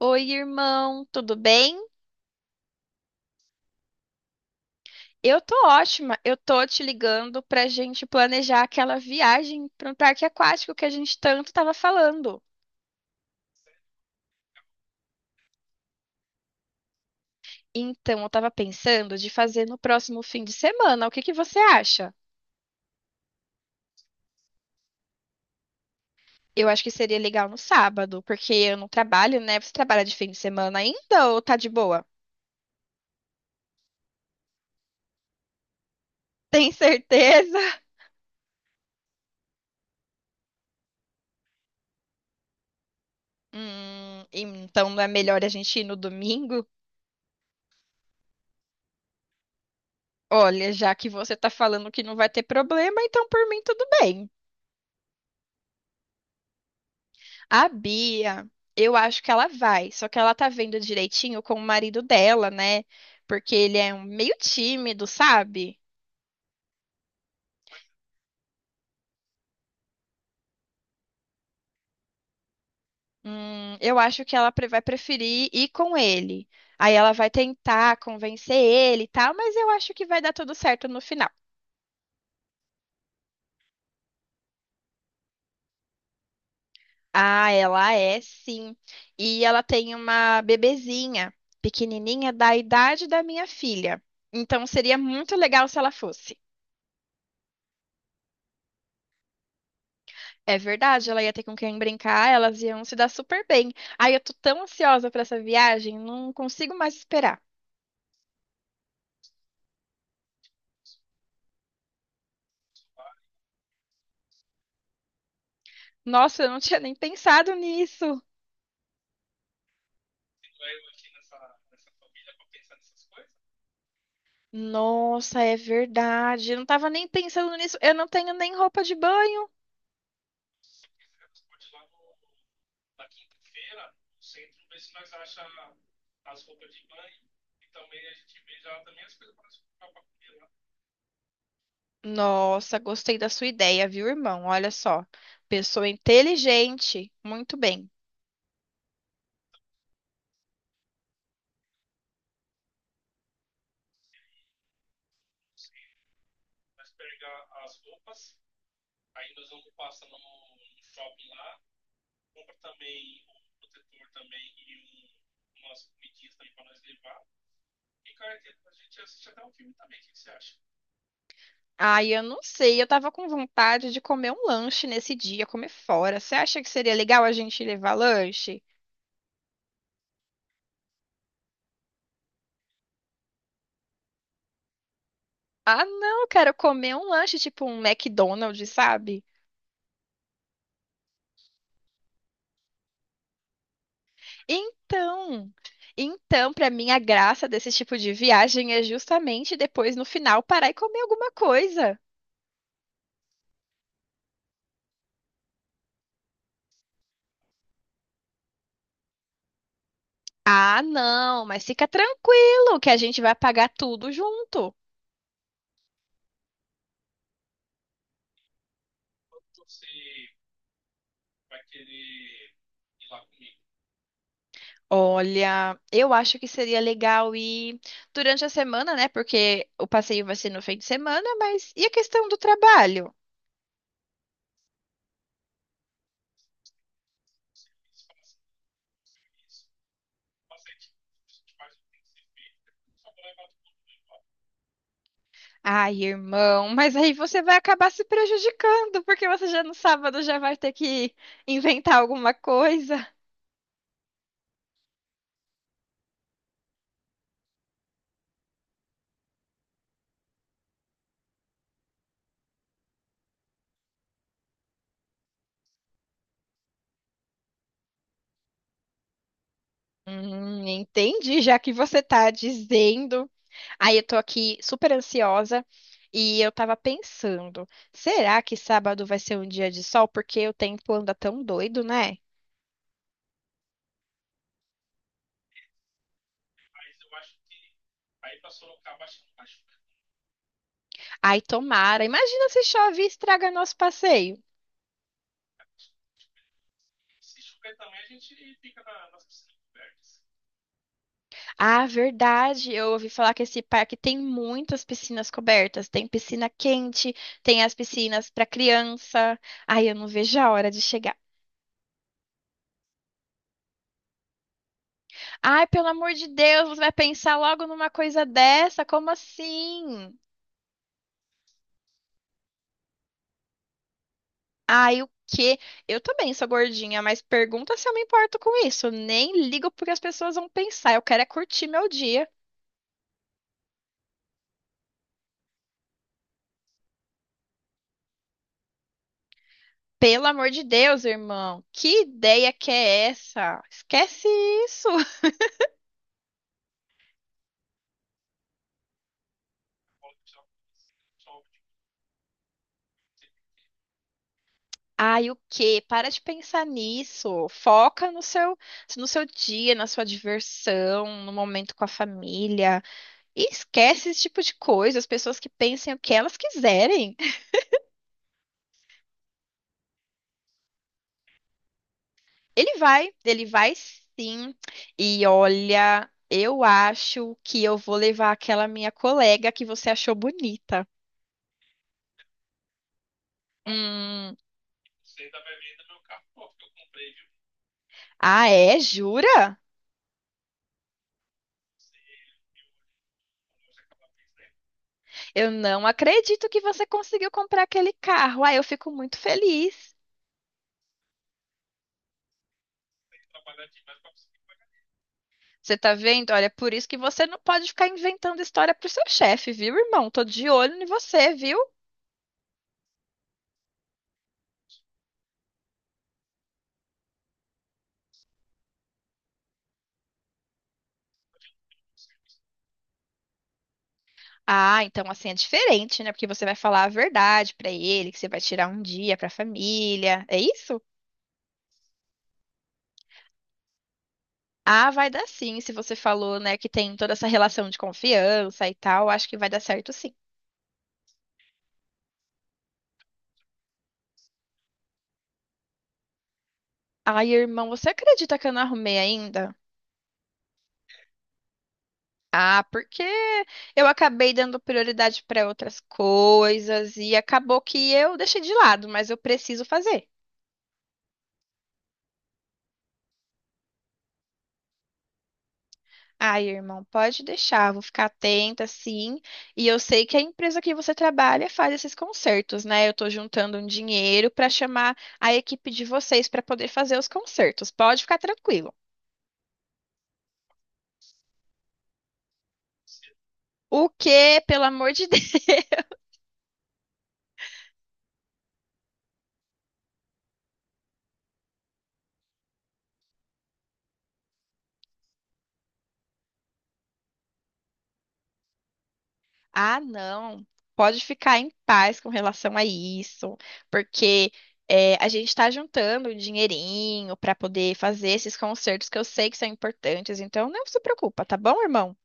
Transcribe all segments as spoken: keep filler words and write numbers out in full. Oi, irmão, tudo bem? Eu tô ótima. Eu tô te ligando pra gente planejar aquela viagem para um parque aquático que a gente tanto tava falando. Então, eu tava pensando de fazer no próximo fim de semana. O que que você acha? Eu acho que seria legal no sábado, porque eu não trabalho, né? Você trabalha de fim de semana ainda ou tá de boa? Tem certeza? Hum, então não é melhor a gente ir no domingo? Olha, já que você tá falando que não vai ter problema, então por mim tudo bem. A Bia, eu acho que ela vai, só que ela tá vendo direitinho com o marido dela, né? Porque ele é um meio tímido, sabe? Hum, eu acho que ela pre- vai preferir ir com ele. Aí ela vai tentar convencer ele e tal, mas eu acho que vai dar tudo certo no final. Ah, ela é sim. E ela tem uma bebezinha, pequenininha, da idade da minha filha. Então seria muito legal se ela fosse. É verdade, ela ia ter com quem brincar, elas iam se dar super bem. Ai, eu tô tão ansiosa pra essa viagem, não consigo mais esperar. Nossa, eu não tinha nem pensado nisso. Nossa, é verdade. Eu não tava nem pensando nisso. Eu não tenho nem roupa de banho. Nossa, gostei da sua ideia, viu, irmão? Olha só. Pessoa inteligente. Muito bem. Ai, eu não sei. Eu tava com vontade de comer um lanche nesse dia, comer fora. Você acha que seria legal a gente levar lanche? Ah, não, cara, comer um lanche tipo um McDonald's, sabe? Então, então, pra mim a graça desse tipo de viagem é justamente depois no final parar e comer alguma coisa. Ah, não, mas fica tranquilo que a gente vai pagar tudo junto. Olha, eu acho que seria legal ir durante a semana, né? Porque o passeio vai ser no fim de semana, mas e a questão do trabalho? Ai, irmão, mas aí você vai acabar se prejudicando, porque você já no sábado já vai ter que inventar alguma coisa. Hum, entendi, já que você tá dizendo. Aí eu tô aqui super ansiosa e eu tava pensando, será que sábado vai ser um dia de sol? Porque o tempo anda tão doido, né? Ai, tomara. Imagina se chove e estraga nosso passeio. Ah, verdade. Eu ouvi falar que esse parque tem muitas piscinas cobertas. Tem piscina quente, tem as piscinas para criança. Ai, eu não vejo a hora de chegar. Ai, pelo amor de Deus, você vai pensar logo numa coisa dessa? Como assim? Ai, o quê? Eu também sou gordinha, mas pergunta se eu me importo com isso. Nem ligo porque as pessoas vão pensar. Eu quero é curtir meu dia. Pelo amor de Deus, irmão. Que ideia que é essa? Esquece isso. Ai, o quê? Para de pensar nisso. Foca no seu, no seu dia, na sua diversão, no momento com a família. E esquece esse tipo de coisa, as pessoas que pensem o que elas quiserem. Ele vai, ele vai sim. E olha, eu acho que eu vou levar aquela minha colega que você achou bonita. Hum, ah, é? Jura? Eu não acredito que você conseguiu comprar aquele carro. Ah, eu fico muito feliz. Você tá vendo? Olha, é por isso que você não pode ficar inventando história pro seu chefe, viu, irmão? Tô de olho em você, viu? Ah, então assim é diferente, né? Porque você vai falar a verdade pra ele, que você vai tirar um dia pra família. É isso? Ah, vai dar sim, se você falou, né, que tem toda essa relação de confiança e tal, acho que vai dar certo sim. Ai, irmão, você acredita que eu não arrumei ainda? Ah, porque eu acabei dando prioridade pra outras coisas e acabou que eu deixei de lado, mas eu preciso fazer. Ai, irmão, pode deixar, vou ficar atenta, sim. E eu sei que a empresa que você trabalha faz esses concertos, né? Eu tô juntando um dinheiro para chamar a equipe de vocês para poder fazer os concertos. Pode ficar tranquilo. O quê? Pelo amor de Deus. Ah, não. Pode ficar em paz com relação a isso, porque é, a gente está juntando um dinheirinho para poder fazer esses concertos que eu sei que são importantes. Então, não se preocupa, tá bom, irmão?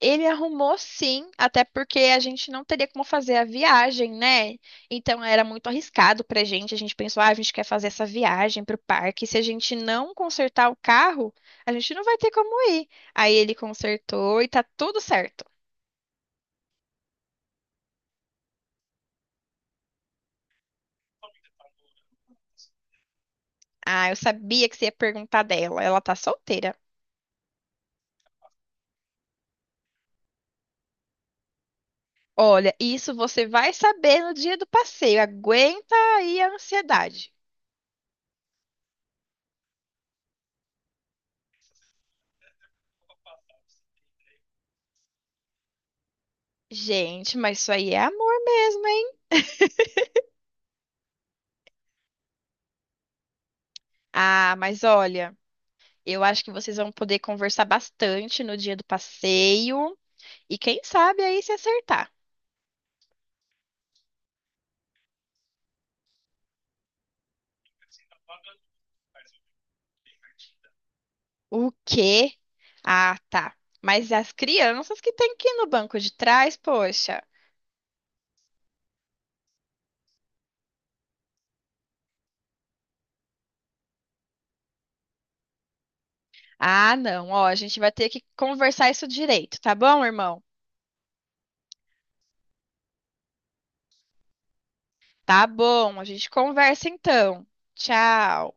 Ele arrumou sim, até porque a gente não teria como fazer a viagem, né? Então era muito arriscado pra gente. A gente pensou, ah, a gente quer fazer essa viagem pro parque. Se a gente não consertar o carro, a gente não vai ter como ir. Aí ele consertou e tá tudo certo. Ah, eu sabia que você ia perguntar dela. Ela tá solteira. Olha, isso você vai saber no dia do passeio. Aguenta aí a ansiedade. Gente, mas isso aí é amor mesmo, hein? Ah, mas olha. Eu acho que vocês vão poder conversar bastante no dia do passeio. E quem sabe aí se acertar. O quê? Ah, tá. Mas as crianças que têm que ir no banco de trás, poxa. Ah, não. Ó, a gente vai ter que conversar isso direito, tá bom, irmão? Tá bom, a gente conversa então. Tchau.